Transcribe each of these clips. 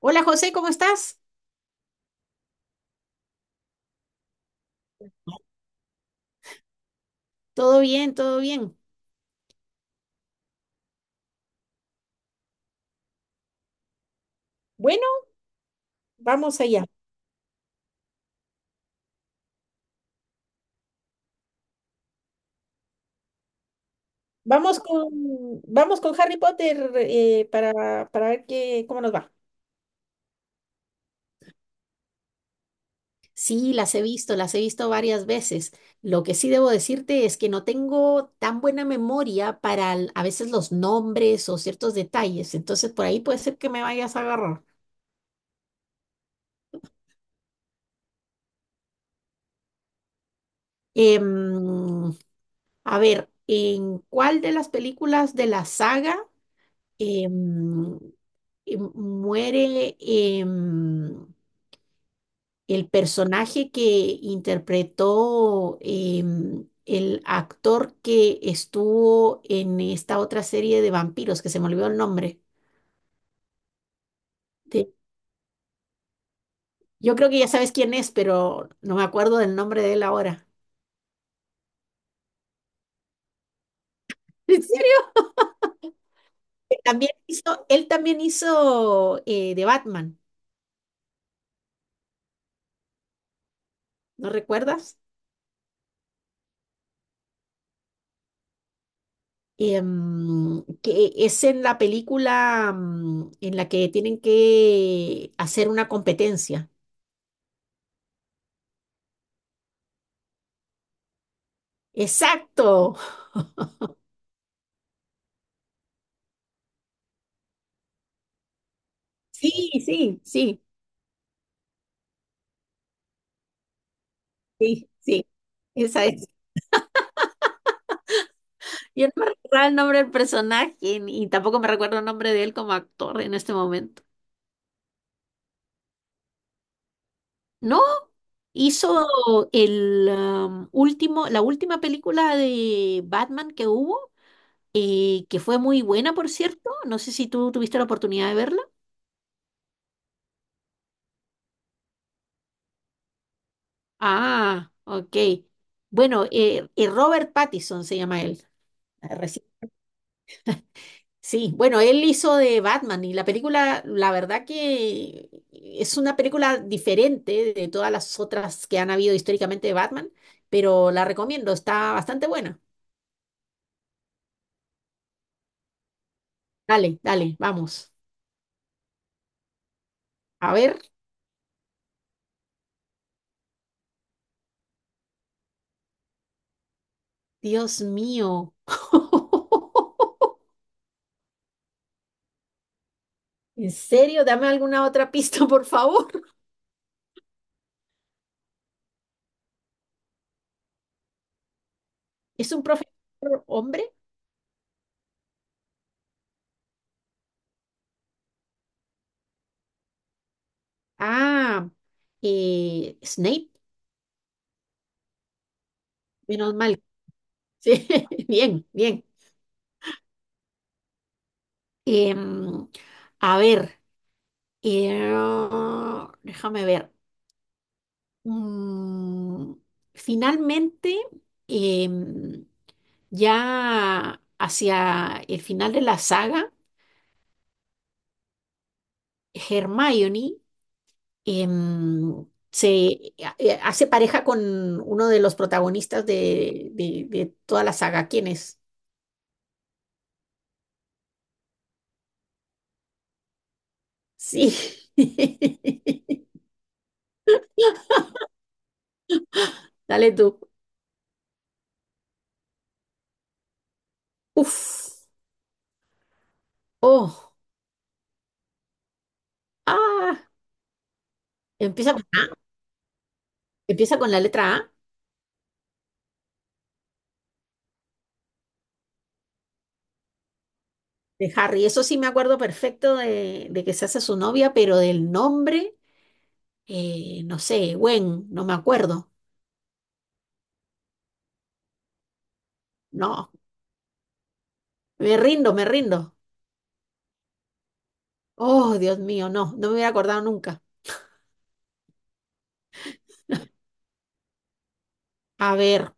Hola José, ¿cómo estás? Todo bien, todo bien. Bueno, vamos allá. Vamos con, Vamos con Harry Potter, para ver qué, cómo nos va. Sí, las he visto varias veces. Lo que sí debo decirte es que no tengo tan buena memoria para a veces los nombres o ciertos detalles, entonces por ahí puede ser que me vayas a agarrar. Em, a ver, ¿en cuál de las películas de la saga em, muere el personaje que interpretó, el actor que estuvo en esta otra serie de vampiros, que se me olvidó el nombre? de- yo creo que ya sabes quién es, pero no me acuerdo del nombre de él ahora. ¿En serio? Él también hizo, él también hizo, de Batman, ¿no recuerdas? Que es en la película, en la que tienen que hacer una competencia. Exacto. Sí, sí, sí, sí, sí. Esa es. Yo no me recuerdo el nombre del personaje y tampoco me recuerdo el nombre de él como actor en este momento. No, hizo el último, la última película de Batman que hubo, que fue muy buena, por cierto. No sé si tú tuviste la oportunidad de verla. Ah, ok. Bueno, Robert Pattinson se llama él. Ah, reci- Sí, bueno, él hizo de Batman y la película, la verdad que es una película diferente de todas las otras que han habido históricamente de Batman, pero la recomiendo, está bastante buena. Dale, dale, vamos. A ver, Dios mío. ¿En serio? Dame alguna otra pista, por favor. ¿Es un profesor hombre? Ah, Snape. Menos mal. Sí, bien, bien. Em, a ver, eh, déjame ver. Mm, Finalmente, em, ya hacia el final de la saga, Hermione em, se hace pareja con uno de los protagonistas de, de toda la saga. ¿Quién es? Sí. Dale tú. Uf. Oh. Ah. Empieza con A, empieza con la letra A de Harry. Eso sí me acuerdo perfecto de que se hace su novia, pero del nombre, no sé, Gwen, no me acuerdo. No, me rindo, me rindo. Oh, Dios mío, no, no me hubiera acordado nunca. A ver,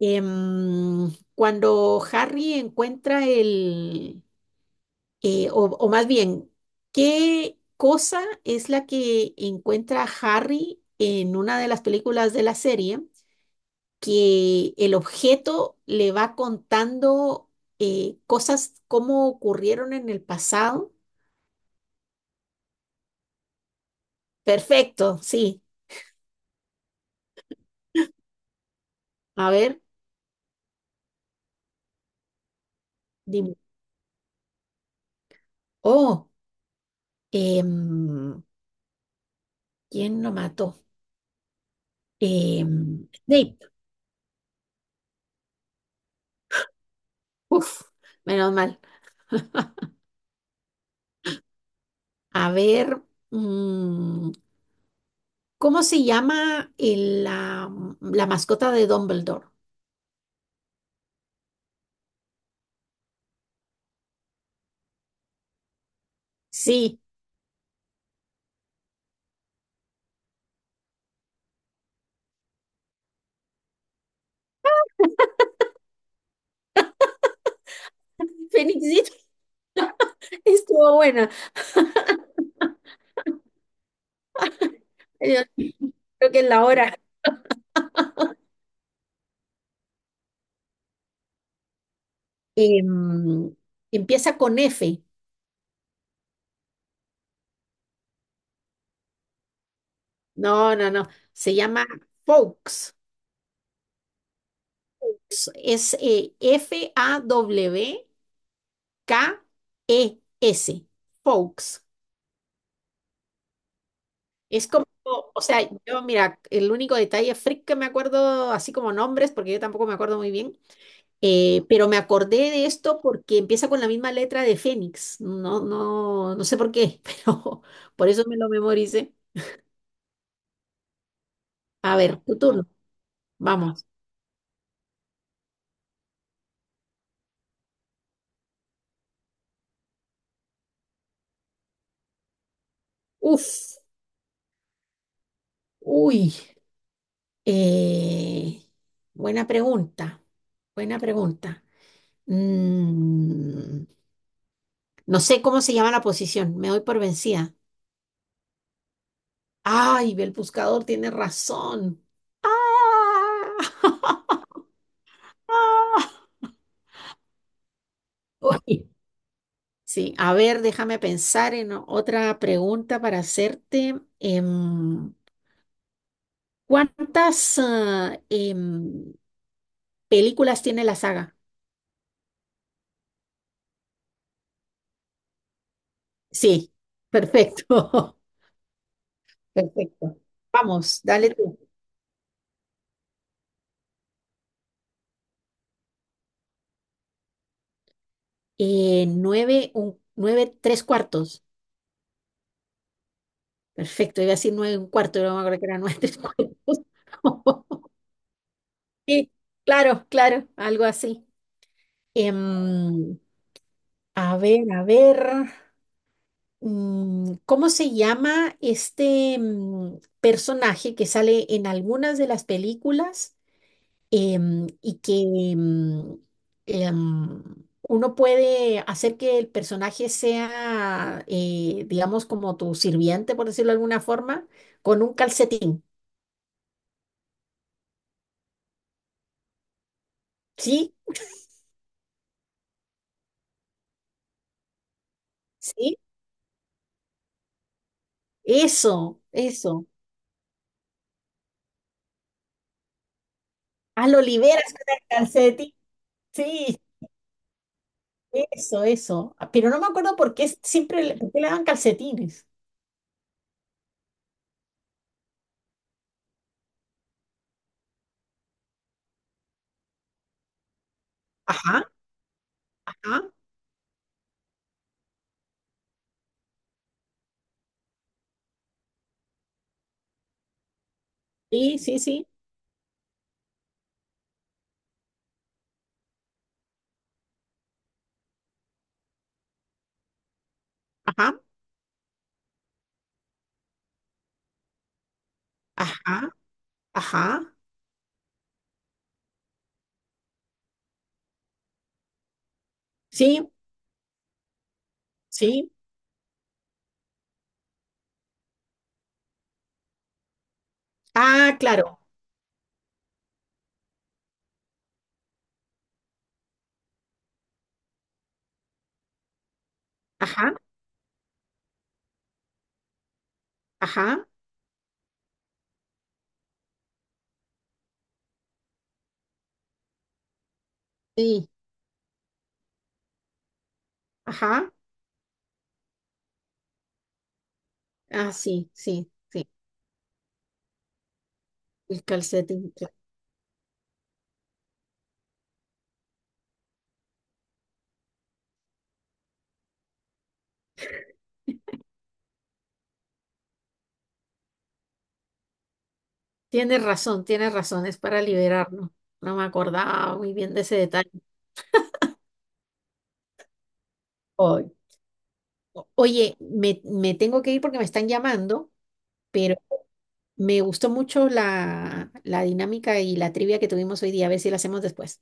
cuando Harry encuentra el, o más bien, ¿qué cosa es la que encuentra Harry en una de las películas de la serie, que el objeto le va contando, cosas como ocurrieron en el pasado? Perfecto, sí. A ver, dime. Oh, em, ¿quién lo mató? Snape. Uf, menos mal. A ver, mm, ¿cómo se llama el, la mascota de Dumbledore? Sí, Fénixito, estuvo buena. Yo creo que es la hora. Em, Empieza con F. No, no, no. Se llama Fawkes. Es Fawkes. Fawkes. Es como, o sea, yo, mira, el único detalle freak que me acuerdo, así como nombres, porque yo tampoco me acuerdo muy bien, pero me acordé de esto porque empieza con la misma letra de Fénix. No, no, no sé por qué, pero por eso me lo memoricé. A ver, tu turno. Vamos. Uf, uy. Eh, buena pregunta, buena pregunta. Mm, no sé cómo se llama la posición, me doy por vencida. Ay, el buscador tiene razón. ¡Ah! Uy, sí, a ver, déjame pensar en otra pregunta para hacerte. ¿Cuántas películas tiene la saga? Sí, perfecto. Perfecto. Vamos, dale tú. Nueve, un, nueve, tres cuartos. Perfecto, iba a decir nueve, un cuarto, pero no me acuerdo que era nueve, tres cuartos. Sí, claro, claro, algo así. Em, a ver, a ver. ¿Cómo se llama este, personaje que sale en algunas de las películas, em, y que em, em, uno puede hacer que el personaje sea, digamos, como tu sirviente, por decirlo de alguna forma, con un calcetín? ¿Sí? ¿Sí? Eso, eso. Hazlo, liberas con el calcetín. Sí, eso, eso. Ah, pero no me acuerdo por qué siempre le, por qué le dan calcetines. Ajá, ajá. Sí, sí, sí. Ajá, ajá, ajá. Sí, sí. Ah, claro. Ajá. Ajá, sí, ajá, ah, sí, sí, el calcetín. Tienes razón, es para liberarnos. No, no me acordaba muy bien de ese detalle. Oy. Oye, me tengo que ir porque me están llamando, pero me gustó mucho la, la dinámica y la trivia que tuvimos hoy día. A ver si la hacemos después.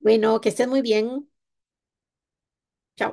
Bueno, que estés muy bien. Chao.